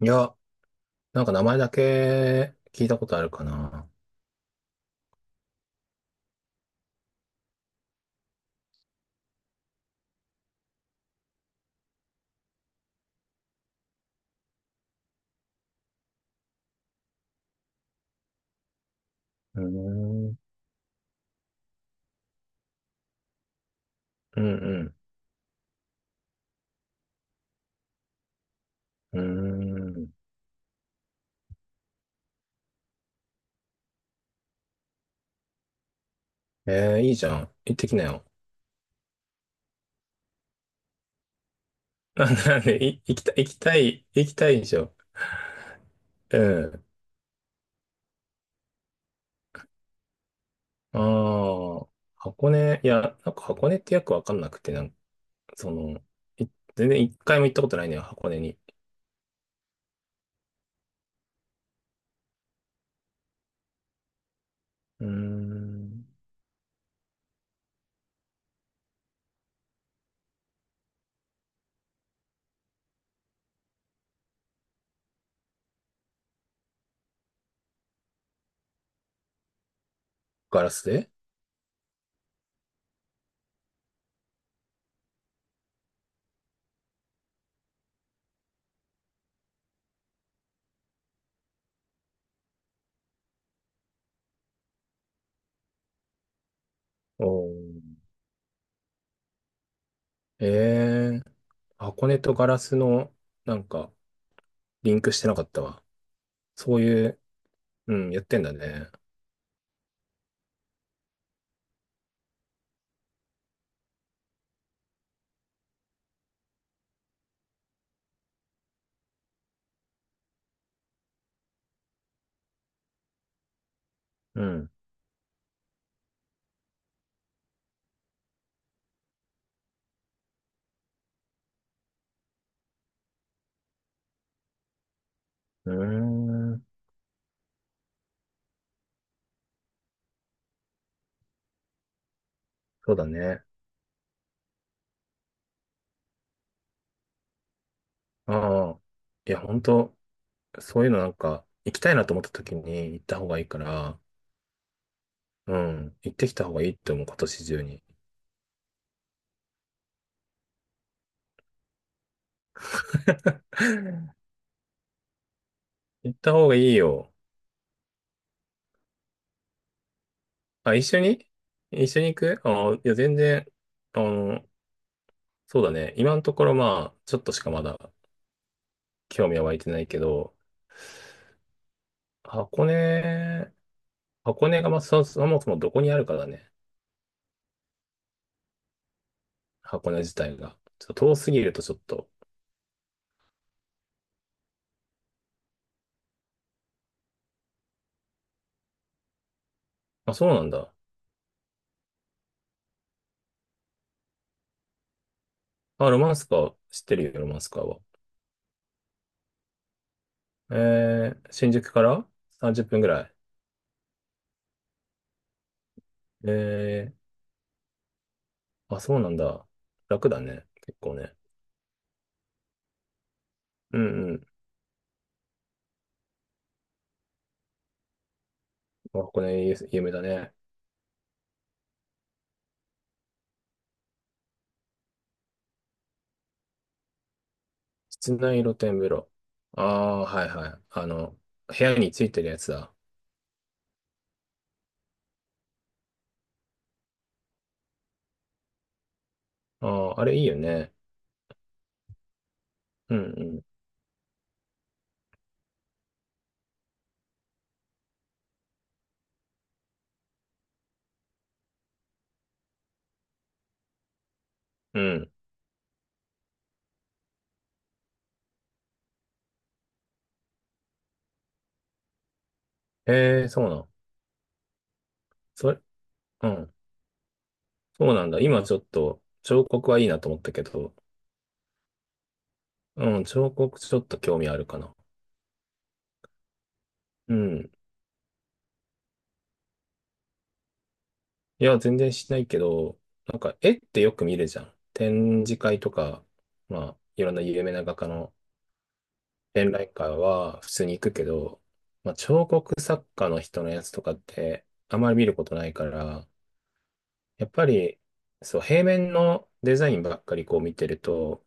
いや、なんか名前だけ聞いたことあるかな。うーん。うんうん。うーん。えー、いいじゃん。行ってきなよ。なんで、なんで、行きたい、行きたい、行きたいでしょ。うん。ああ、箱根、いや、なんか箱根ってよくわかんなくて、その、い全然一回も行ったことないのよ、箱根に。うーん。ガラスで。おー。えー、箱根とガラスの、なんか、リンクしてなかったわ。そういう、うん、やってんだね。うん。うーん。そうだね。ああ。いや、本当そういうのなんか、行きたいなと思った時に行った方がいいから、うん。行ってきた方がいいって思う、今年中に。行った方がいいよ。あ、一緒に行く。ああ、いや、全然、あの、そうだね。今のところ、まあ、ちょっとしかまだ興味は湧いてないけど、箱根、箱根が、まあ、そもそもどこにあるかだね。箱根自体が。ちょっと遠すぎるとちょっと、あ、そうなんだ。あ、ロマンスカー知ってるよ、ロマンスカーは。えー、新宿から30分ぐらい。えー、あ、そうなんだ。楽だね、結構ね。うんうん。あ、これ有名だね。室内露天風呂。ああ、はいはい。あの、部屋についてるやつだ。ああ、あれいいよね。うんうん。うん。えー、そうなん。それ、うん。そうなんだ。今ちょっと、彫刻はいいなと思ったけど、うん、彫刻ちょっと興味あるかな。うん。いや、全然しないけど、なんか絵ってよく見るじゃん。展示会とか、まあ、いろんな有名な画家の展覧会は普通に行くけど、まあ、彫刻作家の人のやつとかってあまり見ることないから、やっぱり、そう、平面のデザインばっかりこう見てると、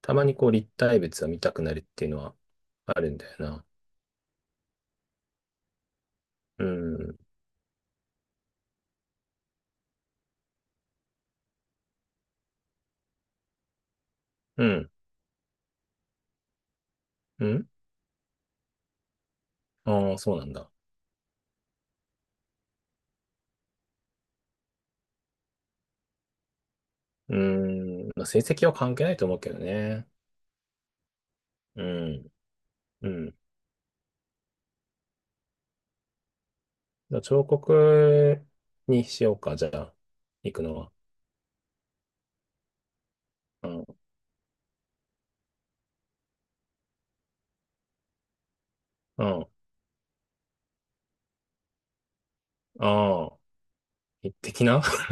たまにこう立体物を見たくなるっていうのはあるんだよな。うん、うん、うん。ああ、そうなんだ。うん、まあ、成績は関係ないと思うけどね。うん。うん。じゃあ彫刻にしようか、じゃあ、行くのは。うん。うん。ああ、一滴な。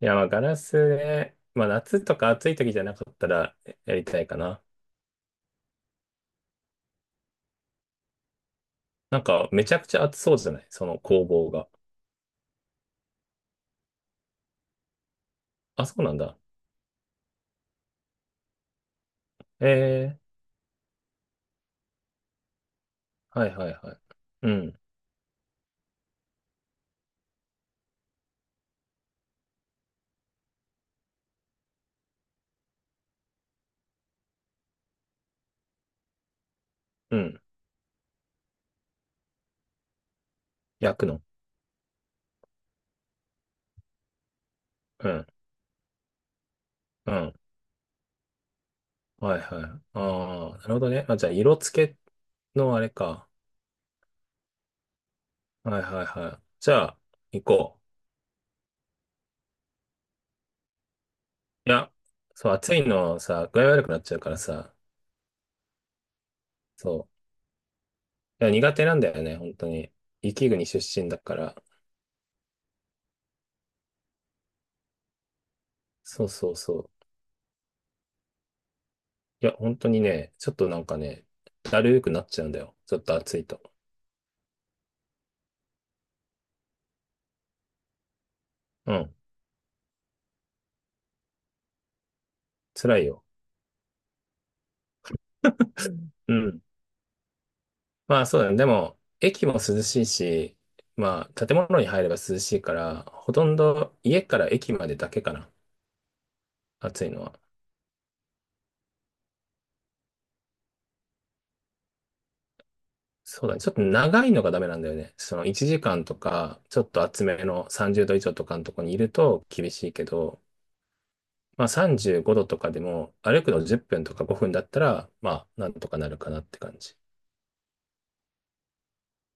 いや、まあ、ガラスで、まあ、夏とか暑い時じゃなかったらやりたいかな。なんか、めちゃくちゃ暑そうじゃないその工房が。あ、そうなんだ。ええ、はいはいはい。うん、うん。焼くの。うん、うん。はいはい。ああ、なるほどね。あ、じゃあ、色付けのあれか。はいはいはい。じゃあ、行こう。いや、そう、暑いのさ、具合悪くなっちゃうからさ、そう。いや、苦手なんだよね、本当に。雪国出身だから。そうそうそう。いや、本当にね、ちょっとなんかね、だるーくなっちゃうんだよ、ちょっと暑いと。うん、辛いよ。うん。まあそうだね。でも、駅も涼しいし、まあ建物に入れば涼しいから、ほとんど家から駅までだけかな、暑いのは。そうだね。ちょっと長いのがダメなんだよね。その1時間とか、ちょっと厚めの30度以上とかのとこにいると厳しいけど、まあ35度とかでも歩くの10分とか5分だったら、まあなんとかなるかなって感じ。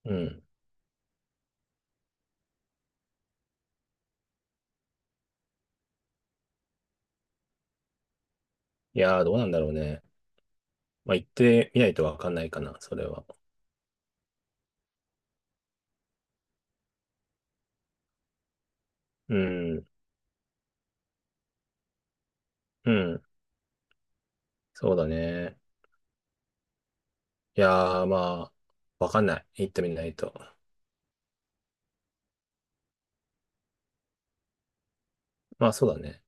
うん。いやー、どうなんだろうね。まあ行ってみないとわかんないかな、それは。うん。うん。そうだね。いやー、まあ、わかんない、行ってみないと。まあそうだね。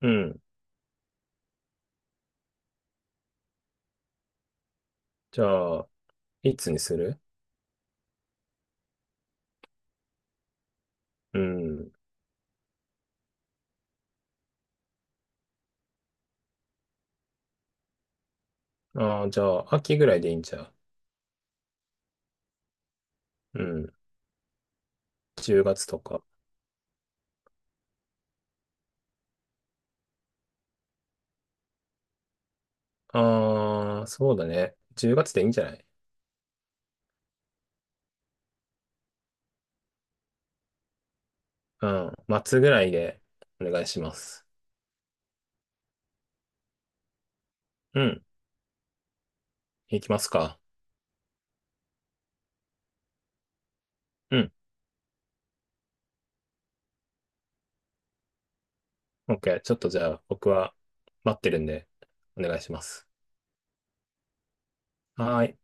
うん。じゃあ、いつにする。うん。ああ、じゃあ、秋ぐらいでいいんちゃう。うん。10月とか。ああ、そうだね。10月でいいんじゃない。うん。末ぐらいでお願いします。うん。行きますか。うん。OK。ちょっとじゃあ僕は待ってるんでお願いします。はーい。